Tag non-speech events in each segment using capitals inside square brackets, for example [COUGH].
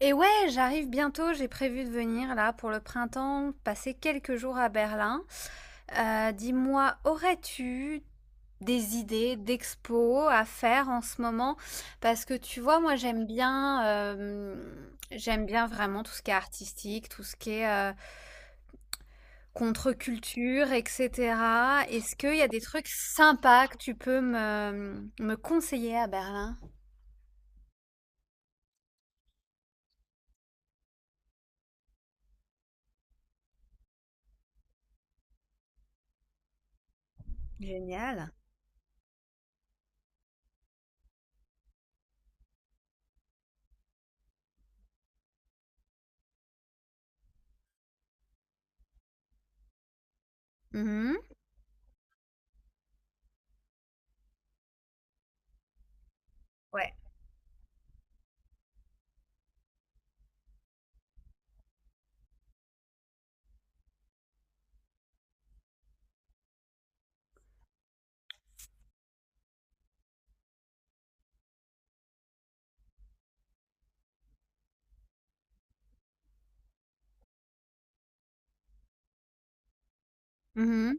Et ouais, j'arrive bientôt, j'ai prévu de venir là pour le printemps, passer quelques jours à Berlin. Dis-moi, aurais-tu des idées d'expos à faire en ce moment? Parce que tu vois, moi j'aime bien vraiment tout ce qui est artistique, tout ce qui est contre-culture, etc. Est-ce qu'il y a des trucs sympas que tu peux me conseiller à Berlin? Génial. Mhm. Ouais. Mhm.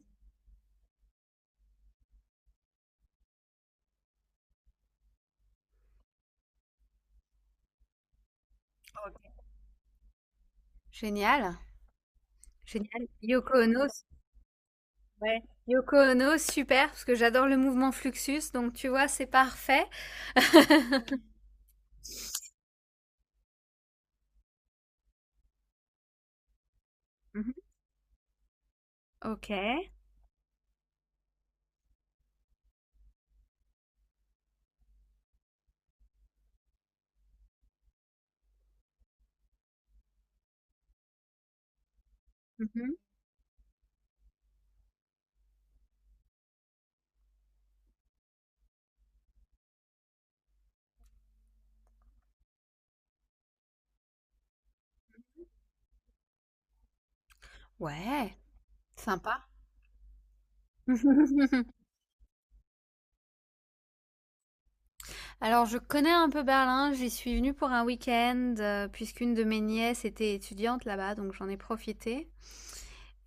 Ok. Génial. Génial. Yoko Ono, ouais. Yoko Ono, super, parce que j'adore le mouvement Fluxus, donc tu vois, c'est parfait. Mhm. Ok. Mhm. Ouais, sympa. [LAUGHS] Alors, je connais un peu Berlin, j'y suis venue pour un week-end, puisqu'une de mes nièces était étudiante là-bas, donc j'en ai profité.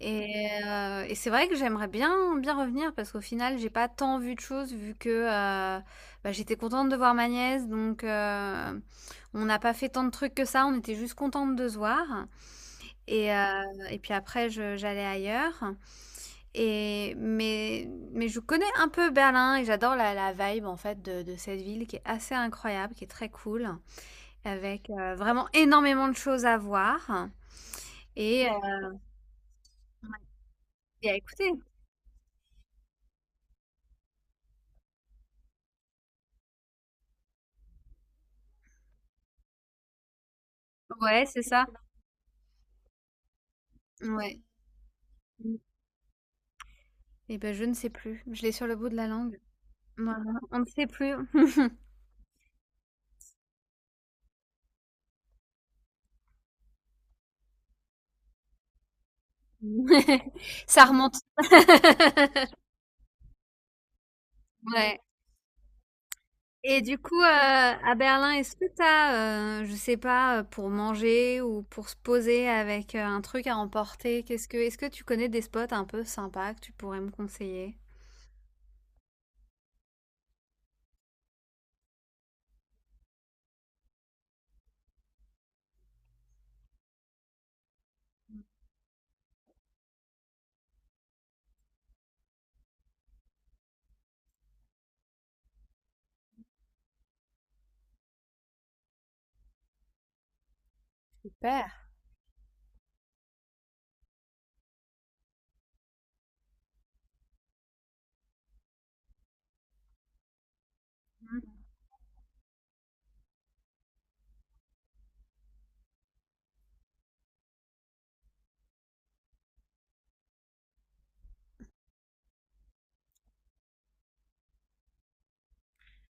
Et et c'est vrai que j'aimerais bien bien revenir parce qu'au final, j'ai pas tant vu de choses vu que, bah, j'étais contente de voir ma nièce donc on n'a pas fait tant de trucs que ça, on était juste contentes de se voir et heu et puis après je j'allais ailleurs et mais je connais un peu Berlin et j'adore la vibe en fait de cette ville qui est assez incroyable, qui est très cool avec, vraiment énormément de choses à voir et heu et à écouter. Ouais, c'est ça. Ouais. Et ben je ne sais plus, je l'ai sur le bout de la langue. Voilà, on ne sait plus. [LAUGHS] Ça remonte. [LAUGHS] Ouais et du coup, à Berlin, est-ce que je sais pas, pour manger ou pour se poser avec, un truc à emporter, qu'est-ce que est-ce que tu connais des spots un peu sympas que tu pourrais me conseiller? Super. Mmh.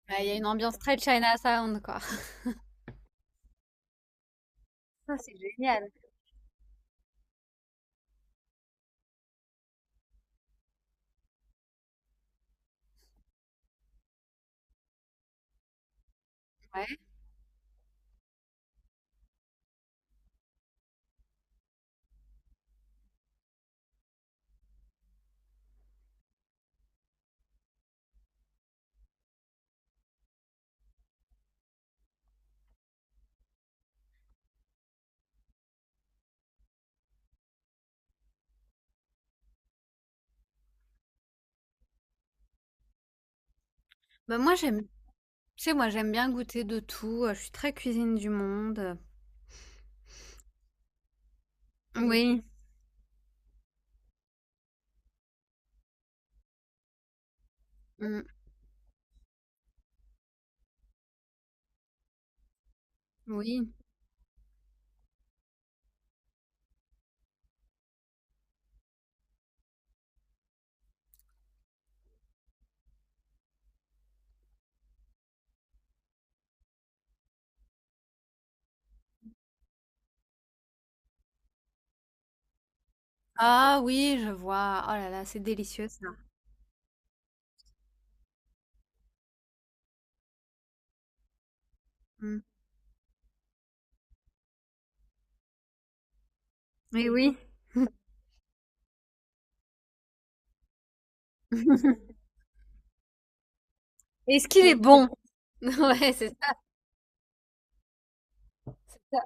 Bah, il y a une ambiance très China Sound quoi. [LAUGHS] Ça, c'est génial. Ouais. Bah, moi, j'aime tu sais, moi, j'aime bien goûter de tout, je suis très cuisine du monde. Oui. Mmh. Oui. Ah oui, je vois. Oh là là, c'est délicieux ça. Mmh. Mais oui. [LAUGHS] Est-ce qu'il est bon? [LAUGHS] Ouais, c'est ça. Ça.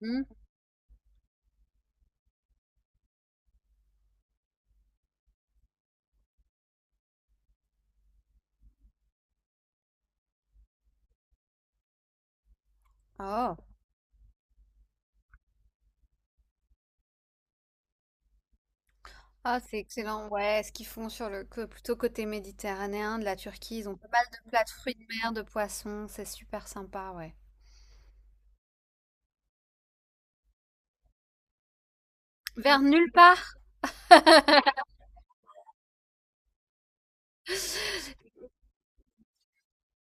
Mmh. Oh. Ah, c'est excellent. Ouais, ce qu'ils font plutôt côté méditerranéen de la Turquie, ils ont pas mal de plats de fruits de mer, de poissons, c'est super sympa, ouais. Vers nulle part,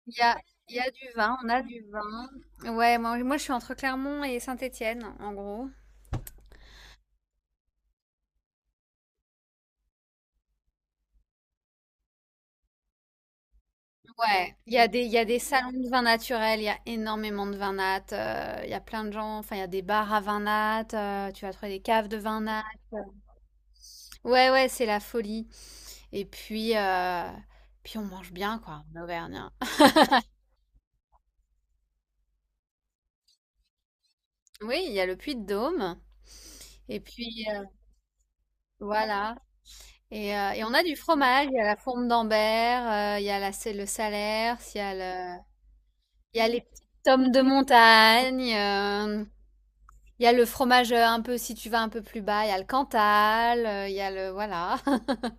il y a, il y a du vin, on a du vin. Ouais, moi, moi je suis entre Clermont et Saint-Étienne, en gros. Ouais, il y a des salons de vin naturel, il y a énormément de vin nat, il y a plein de gens, enfin il y a des bars à vin nat, tu vas trouver des caves de vin nat. Ouais, ouais, c'est la folie. Et puis, on mange bien, quoi, en Auvergne. Oui, il y a le Puy de Dôme. Et puis, voilà. Et on a du fromage, il y a la fourme d'Ambert, il y a la, c'est le Salers, le, il y a les petits tomes de montagne. Il y a le fromage, un peu si tu vas un peu plus bas, il y a le Cantal, il y a le voilà. [LAUGHS]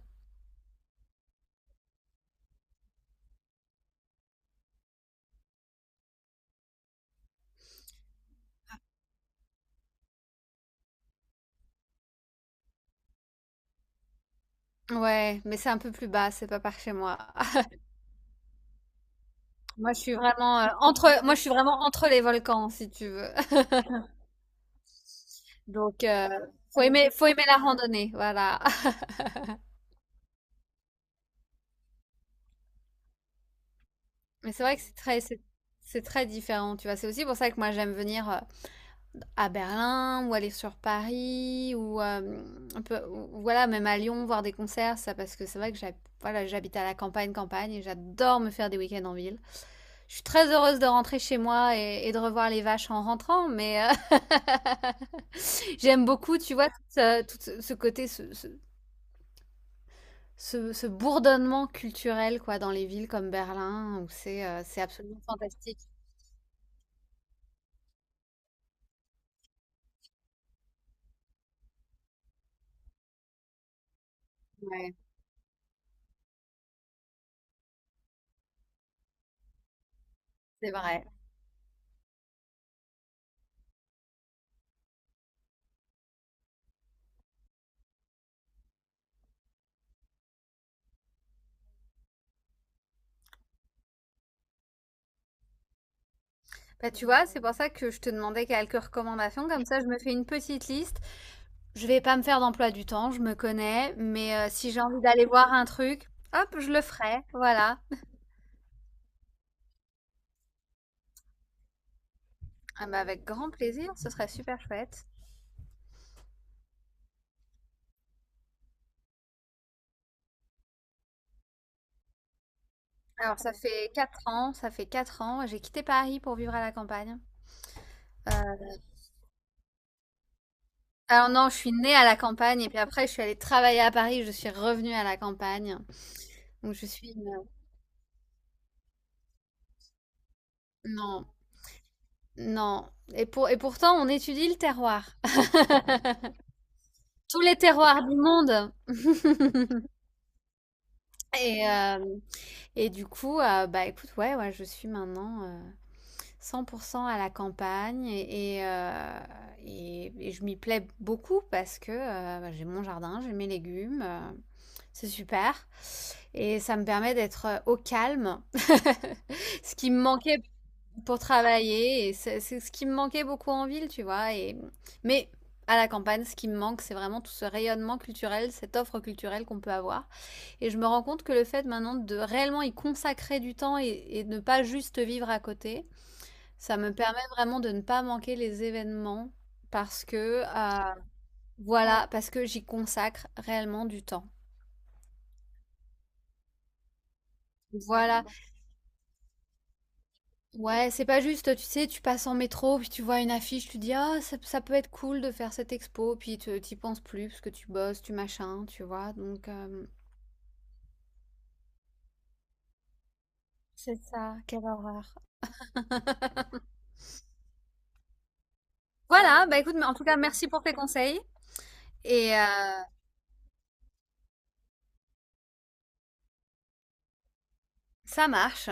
Ouais, mais c'est un peu plus bas, c'est pas par chez moi. [LAUGHS] Moi, je suis vraiment entre les volcans, si tu veux. [LAUGHS] Donc faut aimer la randonnée, voilà. [LAUGHS] Mais c'est vrai que c'est très différent, tu vois? C'est aussi pour ça que moi, j'aime venir, à Berlin ou aller sur Paris ou un peu- voilà même à Lyon voir des concerts ça parce que c'est vrai que voilà, j'habite à la campagne campagne et j'adore me faire des week-ends en ville. Je suis très heureuse de rentrer chez moi et de revoir les vaches en rentrant mais [LAUGHS] j'aime beaucoup tu vois tout, ce côté ce bourdonnement culturel quoi dans les villes comme Berlin où c'est absolument fantastique. Ouais, c'est vrai. Bah, tu vois, c'est pour ça que je te demandais quelques recommandations, comme ça je me fais une petite liste. Je vais pas me faire d'emploi du temps, je me connais, mais si j'ai envie d'aller voir un truc, hop, je le ferai, voilà. Ah bah, avec grand plaisir, ce serait super chouette. Alors ça fait quatre ans, j'ai quitté Paris pour vivre à la campagne. Euh, alors non, je suis née à la campagne et puis après je suis allée travailler à Paris, je suis revenue à la campagne. Donc je suis une- Non, non. Et pourtant on étudie le terroir. [LAUGHS] Tous les terroirs du monde. [LAUGHS] Et, hem, et du coup, bah, écoute, ouais, ouais, je suis maintenant, 100% à la campagne et je m'y plais beaucoup parce que, bah, j'ai mon jardin, j'ai mes légumes, c'est super et ça me permet d'être, au calme, [LAUGHS] ce qui me manquait pour travailler. Et c'est ce qui me manquait beaucoup en ville, tu vois. Mais à la campagne, ce qui me manque, c'est vraiment tout ce rayonnement culturel, cette offre culturelle qu'on peut avoir. Et je me rends compte que le fait maintenant de réellement y consacrer du temps et de ne pas juste vivre à côté, ça me permet vraiment de ne pas manquer les événements parce que, voilà, parce que j'y consacre réellement du temps. Voilà. Ouais, c'est pas juste, tu sais, tu passes en métro, puis tu vois une affiche, tu dis, ah, ça peut être cool de faire cette expo, puis tu t'y penses plus parce que tu bosses, tu machin, tu vois. Donc, c'est ça, quelle horreur. [LAUGHS] Voilà, bah écoute, mais en tout cas, merci pour tes conseils. Et ça marche.